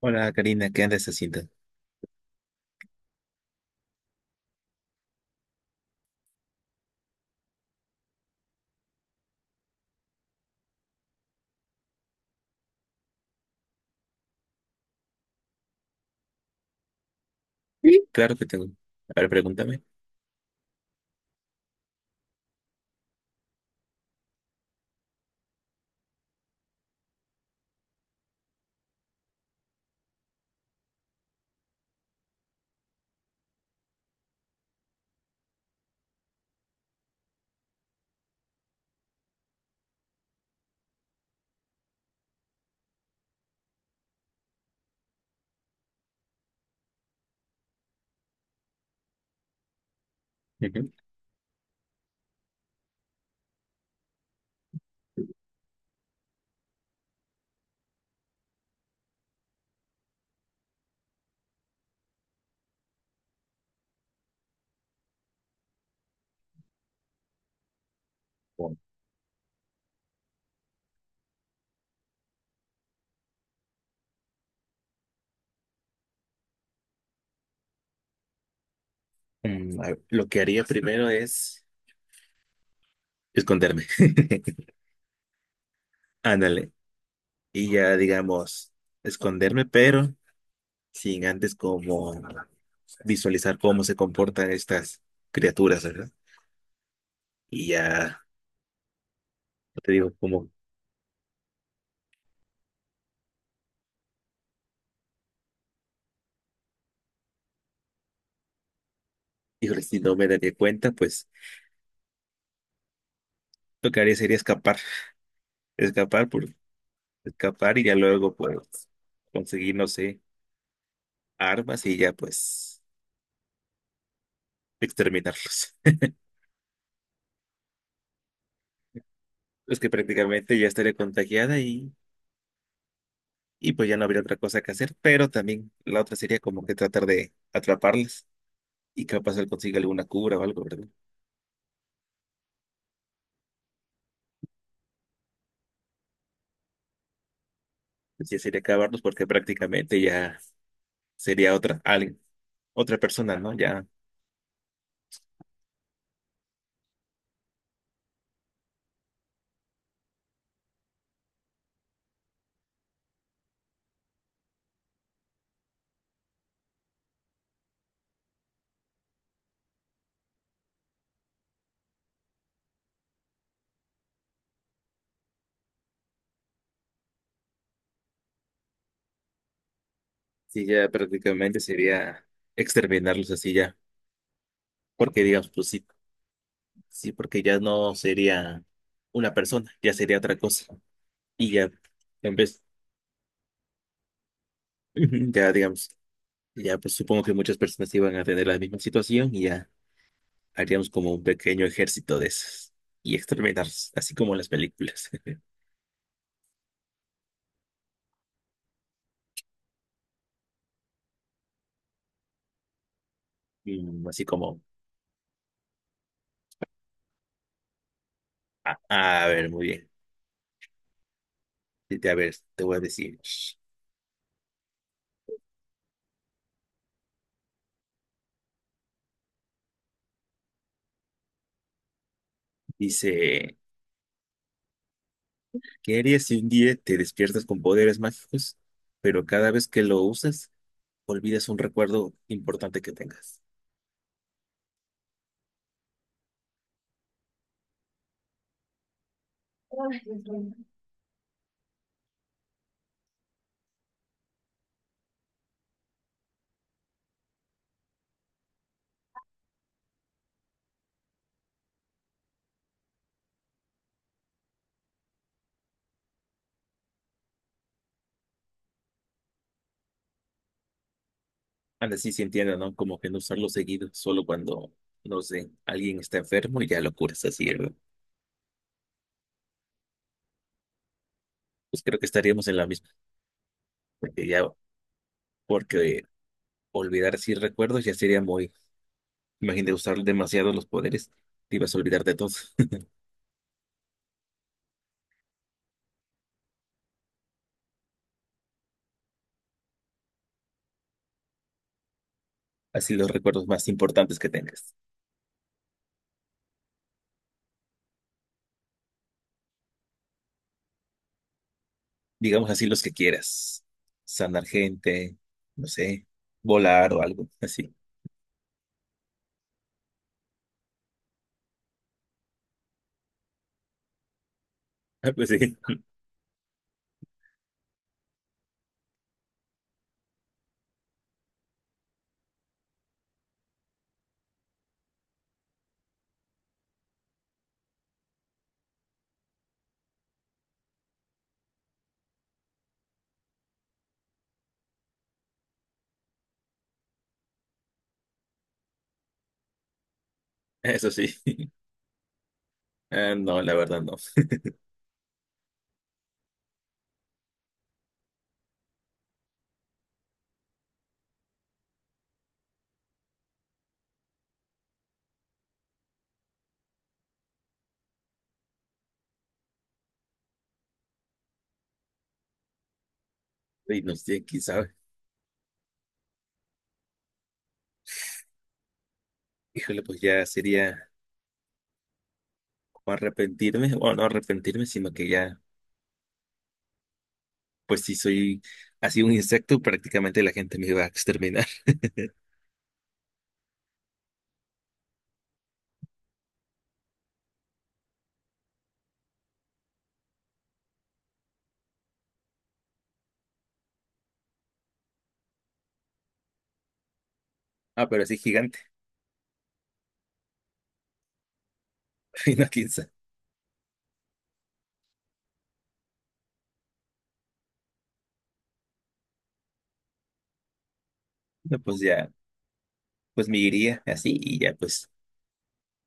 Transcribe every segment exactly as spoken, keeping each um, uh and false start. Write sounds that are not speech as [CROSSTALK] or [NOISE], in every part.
Hola Karina, ¿qué andas haciendo? Sí. Claro que tengo. A ver, pregúntame. Ujú. Bueno, mm, a ver, lo que haría primero es esconderme. [LAUGHS] Ándale. Y ya digamos, esconderme, pero sin antes como visualizar cómo se comportan estas criaturas, ¿verdad? Y ya yo te digo, como, híjole, si no me daría cuenta, pues lo que haría sería escapar, escapar por escapar y ya luego pues conseguir, no sé, armas y ya pues exterminarlos. Pues que prácticamente ya estaría contagiada y, y pues ya no habría otra cosa que hacer, pero también la otra sería como que tratar de atraparlas y capaz él consiga alguna cura o algo, ¿verdad? Pues ya sería acabarlos porque prácticamente ya sería otra, alguien, otra persona, ¿no? Ya, sí, ya prácticamente sería exterminarlos así ya, porque digamos, pues sí, sí, porque ya no sería una persona, ya sería otra cosa y ya, en vez, [LAUGHS] ya digamos, ya pues supongo que muchas personas iban a tener la misma situación y ya. Haríamos como un pequeño ejército de esos y experimentar, así como en las películas. [LAUGHS] Mm, así como, a, a ver, muy bien. Este, A ver, te voy a decir. Dice, ¿qué harías si un día te despiertas con poderes mágicos, pero cada vez que lo usas, olvidas un recuerdo importante que tengas? Anda, sí se entiende, ¿no? Como que no usarlo seguido, solo cuando, no sé, alguien está enfermo y ya lo curas así, ¿verdad? Pues creo que estaríamos en la misma, porque ya, porque olvidar así recuerdos ya sería muy, imagínate usar demasiado los poderes, te ibas a olvidar de todo. [LAUGHS] Así los recuerdos más importantes que tengas. Digamos así los que quieras. Sanar gente, no sé, volar o algo así. [LAUGHS] Ah, pues sí, [LAUGHS] eso sí. Ah, no, la verdad no. [LAUGHS] Y no sé, quién sabe. Híjole, pues ya sería o arrepentirme, o no arrepentirme, sino que ya, pues si soy así un insecto, prácticamente la gente me iba a exterminar. [LAUGHS] Ah, pero así gigante, [LAUGHS] y no quién sabe. No, pues ya, pues me iría así y ya, pues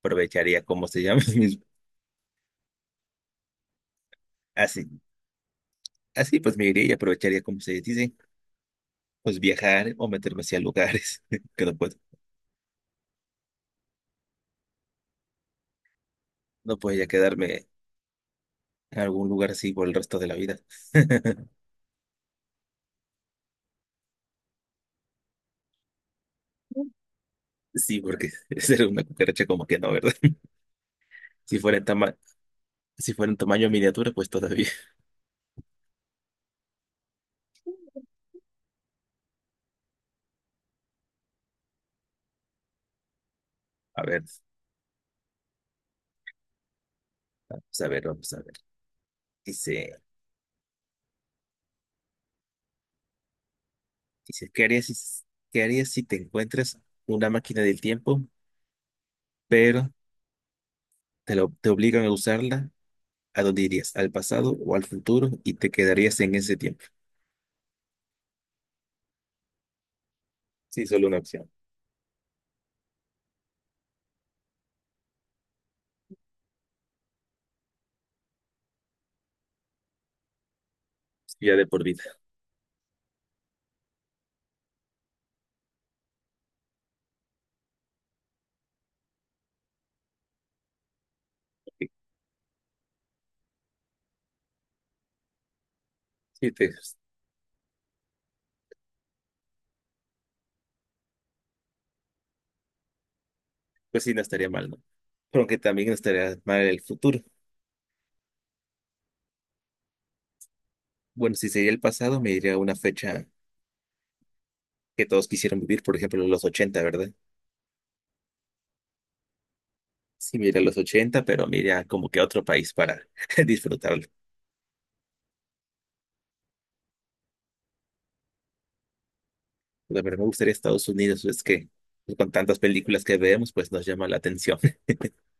aprovecharía, ¿cómo se llama? [LAUGHS] Mis- así, así pues me iría y aprovecharía, como se dice, pues viajar o meterme hacia lugares [LAUGHS] que no puedo. No podía quedarme en algún lugar así por el resto de la vida. [LAUGHS] Sí, porque ser una cucaracha como que no, ¿verdad? [LAUGHS] Si fuera en tama- si fuera en tamaño miniatura, pues todavía. [LAUGHS] A ver, vamos a ver, vamos a ver. Dice, dice, ¿qué harías si, ¿qué harías si te encuentras una máquina del tiempo, pero te, lo, te obligan a usarla? ¿A dónde irías? ¿Al pasado o al futuro? Y te quedarías en ese tiempo. Sí, solo una opción. Sí, ya de por vida. Sí, sí, te- pues sí, no estaría mal, ¿no? Pero aunque también no estaría mal el futuro. Bueno, si sería el pasado, me iría a una fecha que todos quisieran vivir, por ejemplo, los ochenta, ¿verdad? Sí, me iría a los ochenta, pero me iría como que a otro país para [LAUGHS] disfrutarlo. La verdad me gustaría Estados Unidos, es que con tantas películas que vemos, pues nos llama la atención. [LAUGHS]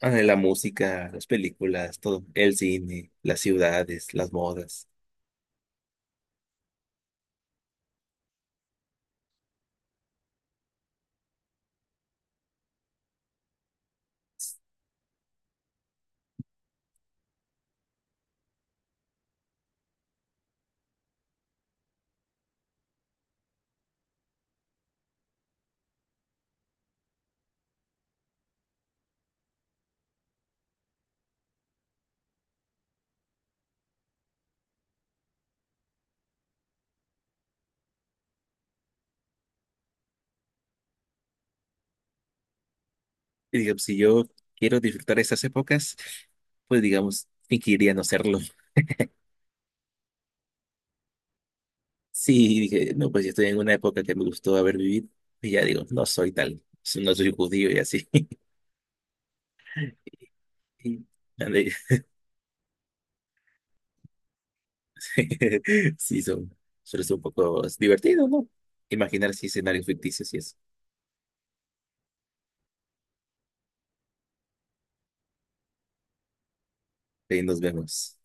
Ah, la música, las películas, todo, el cine, las ciudades, las modas. Y digamos, si yo quiero disfrutar esas épocas, pues digamos, fingiría no serlo. [LAUGHS] Sí, dije, no, pues yo estoy en una época que me gustó haber vivido. Y ya digo, no soy tal, so, no soy judío y así. [LAUGHS] Y, ande- [LAUGHS] sí, son, suele ser un poco divertido, ¿no? Imaginar así escenarios ficticios y eso. Ahí nos vemos.